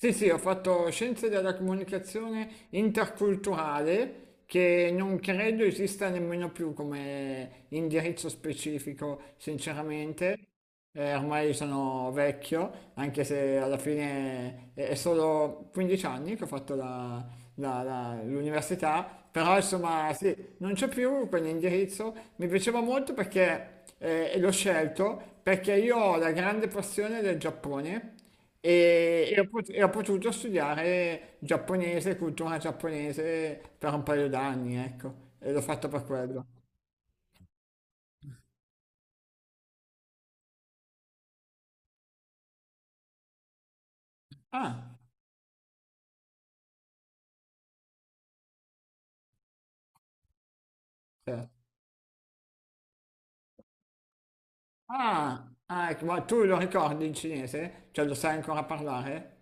Sì, sì, ho fatto scienze della comunicazione interculturale che non credo esista nemmeno più come indirizzo specifico, sinceramente. Ormai sono vecchio, anche se alla fine è solo 15 anni che ho fatto l'università, però insomma sì, non c'è più quell'indirizzo. Mi piaceva molto perché l'ho scelto, perché io ho la grande passione del Giappone e ho potuto studiare giapponese, cultura giapponese per un paio d'anni, ecco, e l'ho fatto per quello. Ah, certo. Ah, ah, ecco, ma tu lo ricordi in cinese? Cioè lo sai ancora parlare?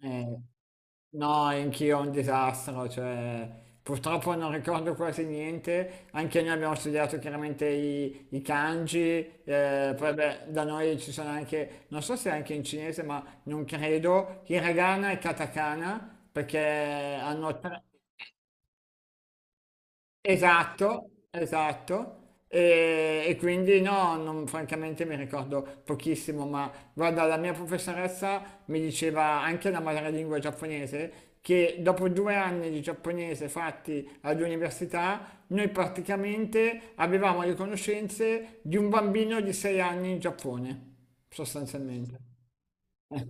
Eh, no, anch'io un disastro, cioè purtroppo non ricordo quasi niente, anche noi abbiamo studiato chiaramente i kanji, poi beh, da noi ci sono anche, non so se anche in cinese, ma non credo, hiragana e katakana, perché hanno tre. Esatto, esatto. Francamente mi ricordo pochissimo, ma guarda, la mia professoressa mi diceva anche la madrelingua giapponese che dopo 2 anni di giapponese fatti all'università, noi praticamente avevamo le conoscenze di un bambino di 6 anni in Giappone, sostanzialmente. Eh.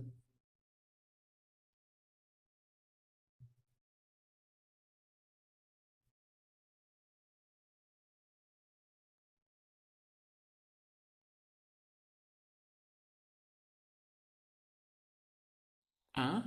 Ah?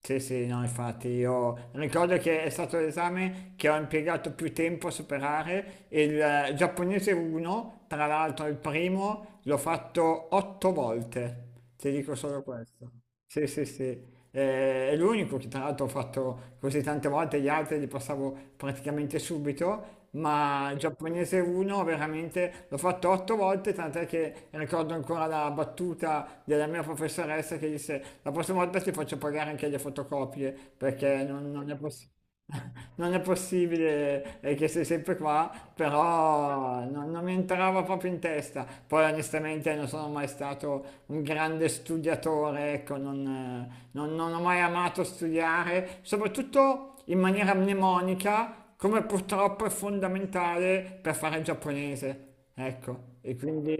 Sì, sì, no, infatti io ricordo che è stato l'esame che ho impiegato più tempo a superare, il giapponese 1, tra l'altro il primo, l'ho fatto 8 volte, ti dico solo questo. Sì, sì, sì. È l'unico che tra l'altro ho fatto così tante volte, gli altri li passavo praticamente subito, ma il giapponese 1 veramente l'ho fatto 8 volte, tant'è che ricordo ancora la battuta della mia professoressa che disse la prossima volta ti faccio pagare anche le fotocopie perché non è possibile. Non è possibile, che sei sempre qua, però non mi entrava proprio in testa. Poi onestamente non sono mai stato un grande studiatore, ecco, non ho mai amato studiare, soprattutto in maniera mnemonica, come purtroppo è fondamentale per fare il giapponese. Ecco,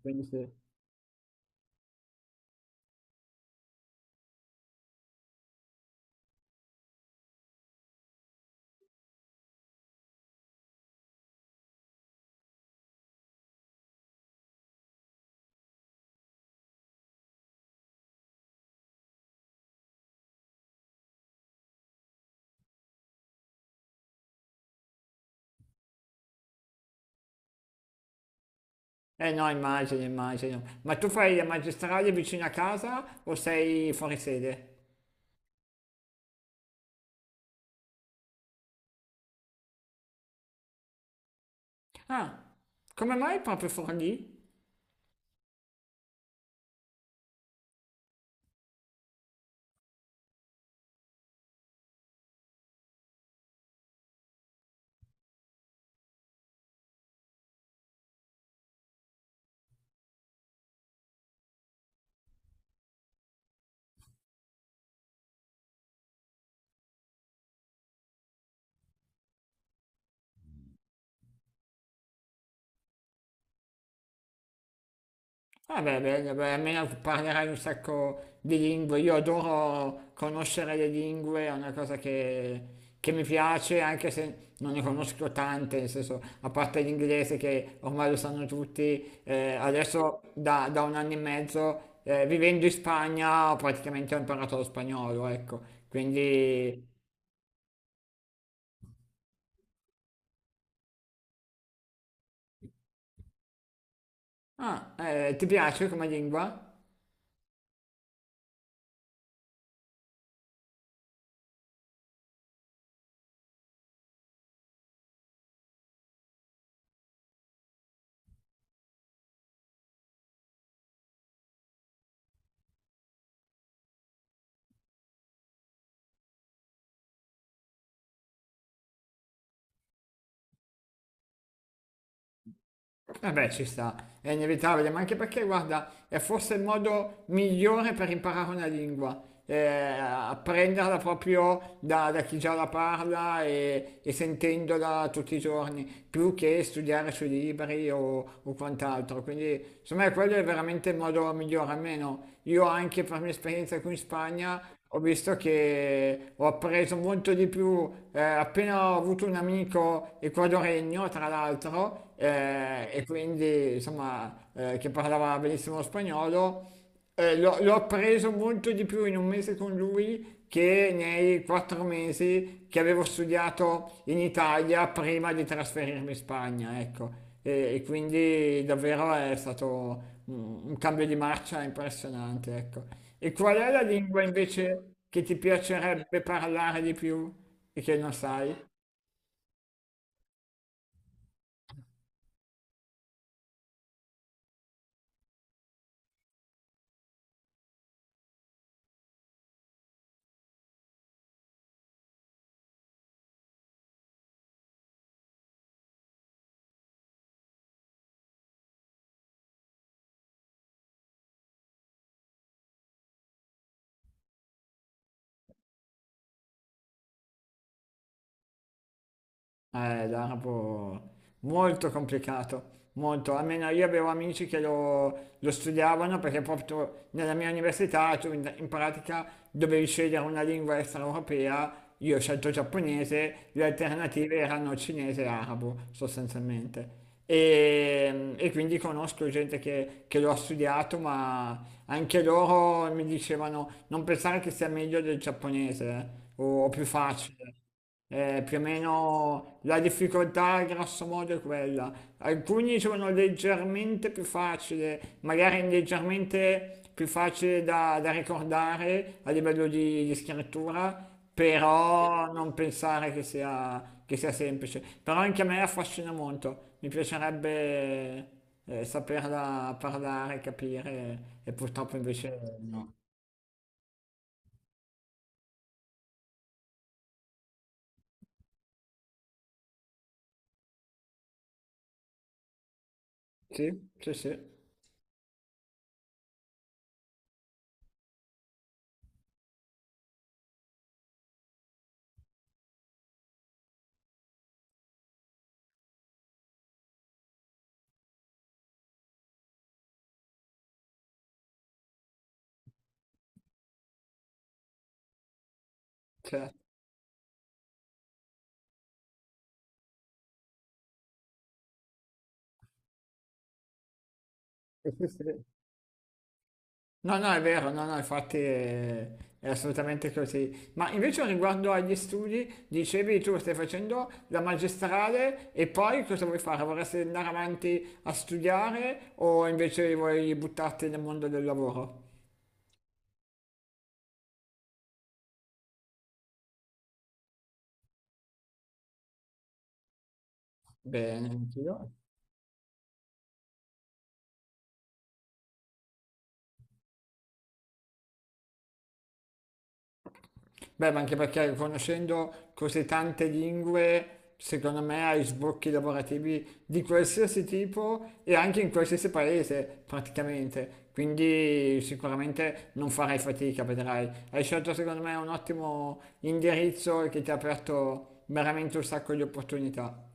quindi sì. Eh no, immagino, immagino. Ma tu fai le magistrale vicino a casa o sei fuori sede? Ah, come mai proprio Forlì? Ah beh, bene, beh, almeno parlerai un sacco di lingue. Io adoro conoscere le lingue, è una cosa che mi piace, anche se non ne conosco tante, nel senso, a parte l'inglese che ormai lo sanno tutti, adesso da 1 anno e mezzo, vivendo in Spagna, praticamente ho imparato lo spagnolo, ecco. Quindi, ah, ti piace come lingua? Eh beh, ci sta, è inevitabile, ma anche perché, guarda, è forse il modo migliore per imparare una lingua, apprenderla proprio da chi già la parla e sentendola tutti i giorni, più che studiare sui libri o quant'altro. Quindi, secondo me, quello è veramente il modo migliore, almeno io anche per mia esperienza qui in Spagna ho visto che ho appreso molto di più appena ho avuto un amico ecuadoregno, tra l'altro, e quindi insomma che parlava benissimo lo spagnolo, l'ho appreso molto di più in un mese con lui che nei 4 mesi che avevo studiato in Italia prima di trasferirmi in Spagna, ecco. E quindi davvero è stato un cambio di marcia impressionante, ecco. E qual è la lingua invece che ti piacerebbe parlare di più e che non sai? L'arabo molto complicato, molto. Almeno io avevo amici che lo studiavano perché proprio nella mia università tu in pratica dovevi scegliere una lingua extraeuropea. Io ho scelto giapponese, le alternative erano cinese e arabo sostanzialmente. E quindi conosco gente che lo ha studiato, ma anche loro mi dicevano non pensare che sia meglio del giapponese o più facile. Più o meno la difficoltà, grosso modo, è quella. Alcuni sono leggermente più facili, magari leggermente più facili da ricordare a livello di scrittura, però non pensare che sia semplice. Però anche a me affascina molto, mi piacerebbe saperla parlare, capire, e purtroppo invece no. Sì, sì, sì, certo. No, no, è vero, no, no, infatti è assolutamente così. Ma invece riguardo agli studi, dicevi tu stai facendo la magistrale e poi cosa vuoi fare? Vorresti andare avanti a studiare o invece vuoi buttarti nel mondo del lavoro? Bene, anch'io. Beh, ma anche perché conoscendo così tante lingue, secondo me hai sbocchi lavorativi di qualsiasi tipo e anche in qualsiasi paese praticamente. Quindi sicuramente non farai fatica, vedrai. Hai scelto secondo me un ottimo indirizzo che ti ha aperto veramente un sacco di opportunità.